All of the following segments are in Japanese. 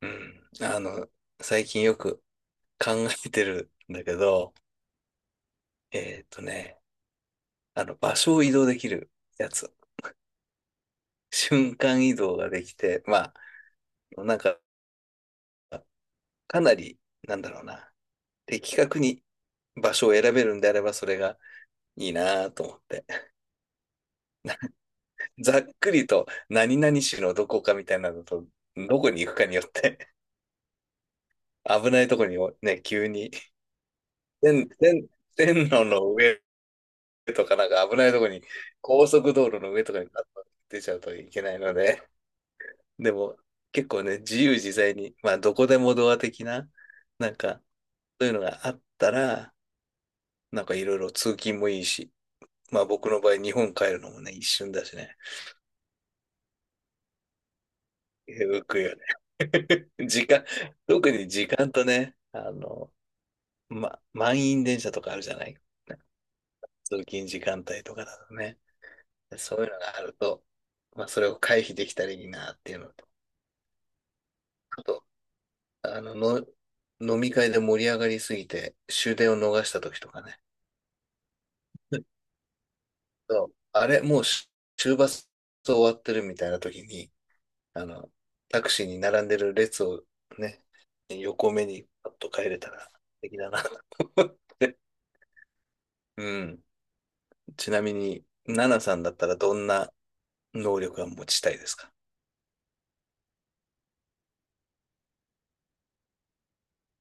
うん。最近よく考えてるんだけど、えーっとね、場所を移動できるやつ。瞬間移動ができて、あ、なんか、かなり、なんだろうな、的確に場所を選べるんであれば、それがいいなと思って。ざっくりと、何々市のどこかみたいなのと、どこに行くかによって、危ないとこにね、急に、線、線、線路の上とかなんか危ないとこに、高速道路の上とかにガッと出ちゃうといけないので、でも結構ね、自由自在に、まあどこでもドア的な、なんかそういうのがあったら、なんかいろいろ通勤もいいし、まあ僕の場合日本帰るのもね、一瞬だしね、浮くよね。時間、特に時間とね。満員電車とかあるじゃない通勤時間帯とかだとね。そういうのがあると、まあそれを回避できたらいいなっていうのと、あと、あの、の、飲み会で盛り上がりすぎて終電を逃した時とかね。そうあれ、もうし終バス終わってるみたいな時に、あの、タクシーに並んでる列をね、横目にパッと帰れたら素敵だなと思って。うん。ちなみに、ナナさんだったらどんな能力が持ちたいですか？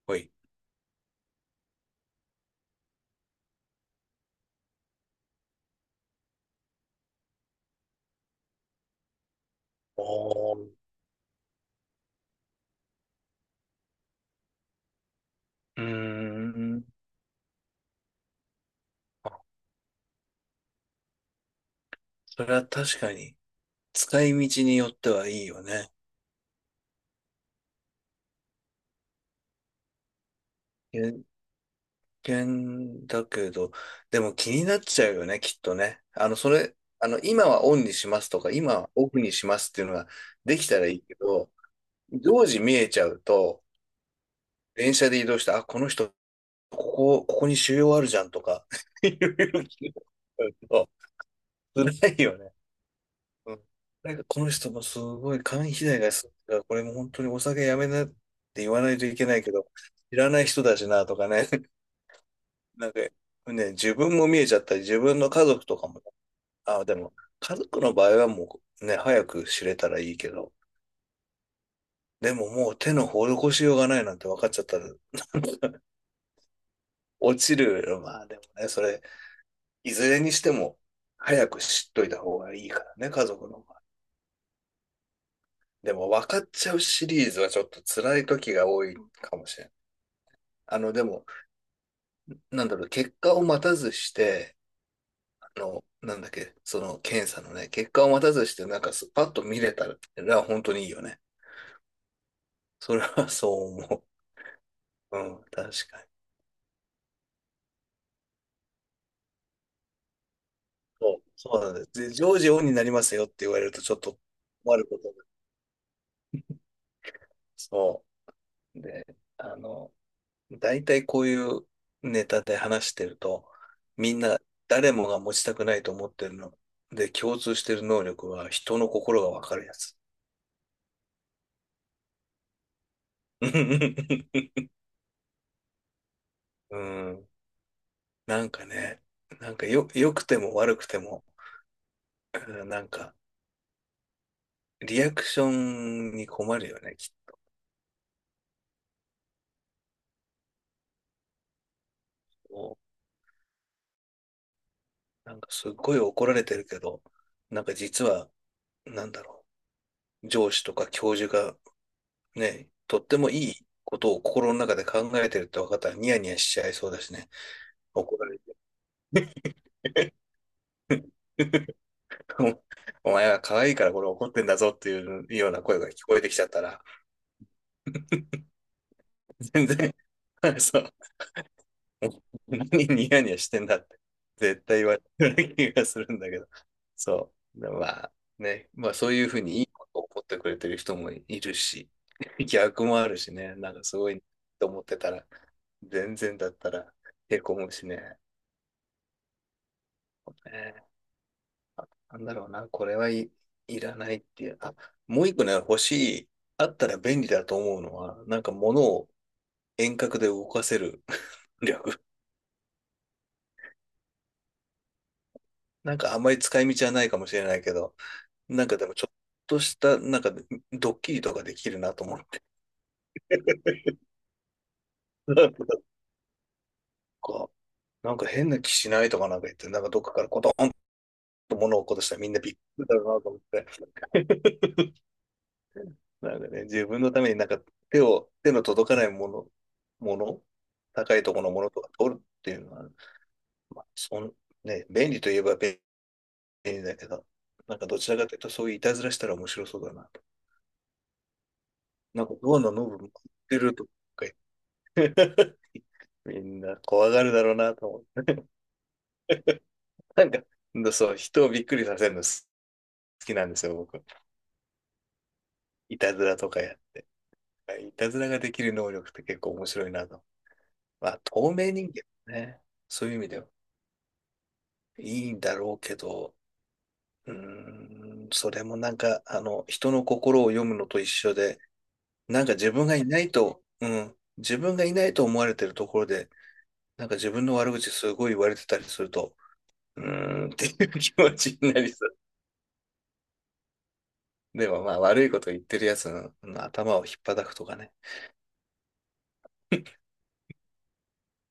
ほい。おー、うーん。それは確かに、使い道によってはいいよね。え険だけど、でも気になっちゃうよね、きっとね。あの、それ、あの、今はオンにしますとか、今はオフにしますっていうのができたらいいけど、常時見えちゃうと、電車で移動して、あ、この人、ここに腫瘍あるじゃんとか、いろいろ聞いと、辛いよね。うん。なんか、この人もすごい肝肥大がすごいから、これも本当にお酒やめなって言わないといけないけど、知らない人だしなとかね。なんかね、自分も見えちゃったり、自分の家族とかもね、あ、でも、家族の場合はもうね、早く知れたらいいけど、でももう手の施しようがないなんて分かっちゃったら、落ちる。まあでもね、それ、いずれにしても、早く知っといた方がいいからね、家族の場合。でも分かっちゃうシリーズはちょっと辛い時が多いかもしれない。あの、でも、なんだろう、結果を待たずして、あの、なんだっけ、その検査のね、結果を待たずして、なんかすパッと見れたら、本当にいいよね。それはそう思う。うん、確かに。そう。そうなんです。オンになりますよって言われるとちょっと困ることが。そう。で、あの、大体こういうネタで話してると、みんな誰もが持ちたくないと思ってるの。で、共通してる能力は人の心がわかるやつ。うん。なんかね、なんかよ、良くても悪くても、うんなんか、リアクションに困るよね、きっと。なんかすっごい怒られてるけど、なんか実は、なんだろ上司とか教授がね、とってもいいことを心の中で考えてるって分かったらニヤニヤしちゃいそうだしね、怒られて。お前は可愛いからこれ怒ってんだぞっていうような声が聞こえてきちゃったら、全然、そう、何ニヤニヤしてんだって、絶対言われてる気がするんだけど。そう。でまあね、まあそういうふうにいいことを思ってくれてる人もいるし、逆もあるしね、なんかすごいと思ってたら、全然だったらへこむしね。えーなんだろうな、これはい、いらないっていう。あ、もう一個ね、欲しい、あったら便利だと思うのは、なんか物を遠隔で動かせる 力。なんかあんまり使い道はないかもしれないけど、なんかでもちょっとした、なんかドッキリとかできるなと思って。なんか、なんか変な気しないとかなんか言って、なんかどっかからコトンと物を落っことしたらみんなびっくりだろうなと思って。なんかね、自分のためになんか手の届かないもの、高いところのものとか取るっていうのは、まあ、そん、ね、便利といえば便利だけど、なんかどちらかというとそういういたずらしたら面白そうだなと。なんかドアのノブ持ってるとか言ってみんな怖がるだろうなと思って。なんか、そう、人をびっくりさせるの好きなんですよ、僕。いたずらとかやって。いたずらができる能力って結構面白いなと。まあ、透明人間ね。そういう意味ではいいんだろうけど、うーそれもなんか、人の心を読むのと一緒で、なんか自分がいないと思われてるところで、なんか自分の悪口すごい言われてたりすると、うーんっていう気持ちになりでもまあ悪いこと言ってるやつの頭を引っ叩くとかね。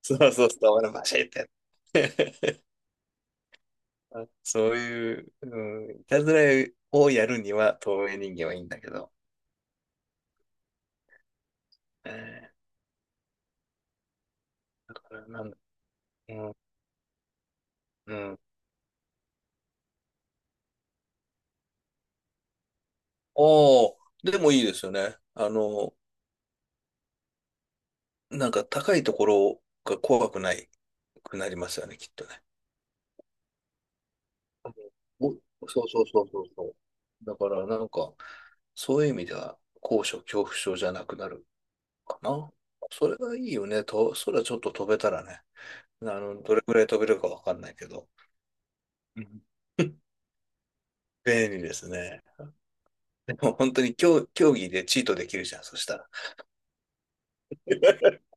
そう、俺バシッて。そういう、うん、いたずらをやるには透明人間はいいんだけど。えー、だからなんだ、うん、うん。おお、でもいいですよね。なんか高いところが怖くないくなりますよね、きっとね。お、そうそうそうそうそう。だからなんか、そういう意味では高所恐怖症じゃなくなるかな。それがいいよね。と、空ちょっと飛べたらね。どれくらい飛べるかわかんないけど。うん便利ですね。でも本当に競技でチートできるじゃん、そしたら。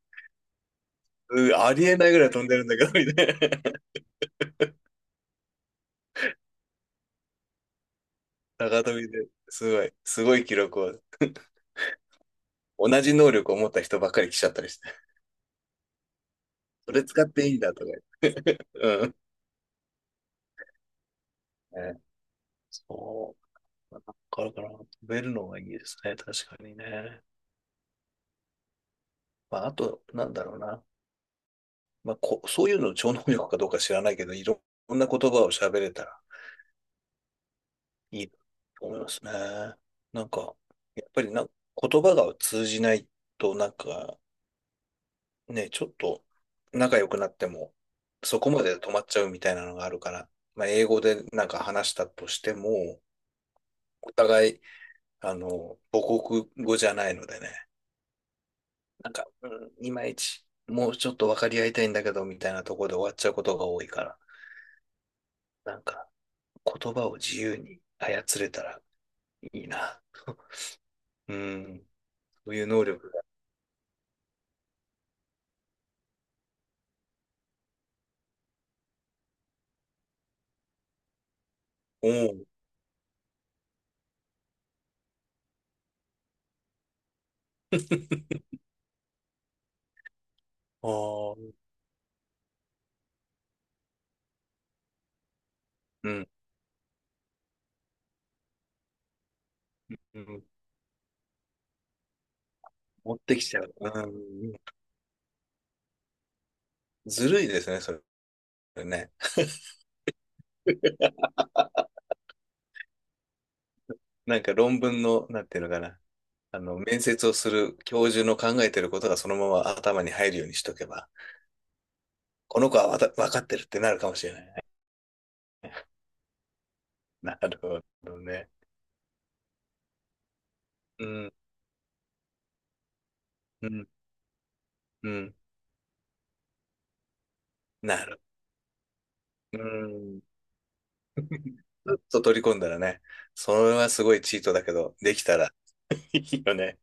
うんありえないぐらい飛んでるんだけど、みたいな。高飛びで。すごい、すごい記録を。同じ能力を持った人ばっかり来ちゃったりして。それ使っていいんだとか言って。うん。ね、そう。だからかな、飛べるのがいいですね。確かにね。まあ、あと、なんだろうな。まあ、こそういうの超能力かどうか知らないけど、いろんな言葉を喋れたらいいと思いますね。なんか、やっぱりな、言葉が通じないと、なんか、ね、ちょっと仲良くなっても、そこまで止まっちゃうみたいなのがあるから、まあ、英語でなんか話したとしても、お互い、母国語じゃないのでね、いまいち、もうちょっと分かり合いたいんだけど、みたいなところで終わっちゃうことが多いから、なんか、言葉を自由に操れたらいいな。うん、そういう能力が。おお、ああ、うん、うん、持ってきちゃう。うん、ずるいですね、それね。なんか論文の、なんていうのかな。面接をする教授の考えてることがそのまま頭に入るようにしとけば、この子はわた、分かってるってなるかもしれないね。なるほどね。うん、うん、うん、なる。うん、ちょっと取り込んだらね、それはすごいチートだけど、できたらいいよね。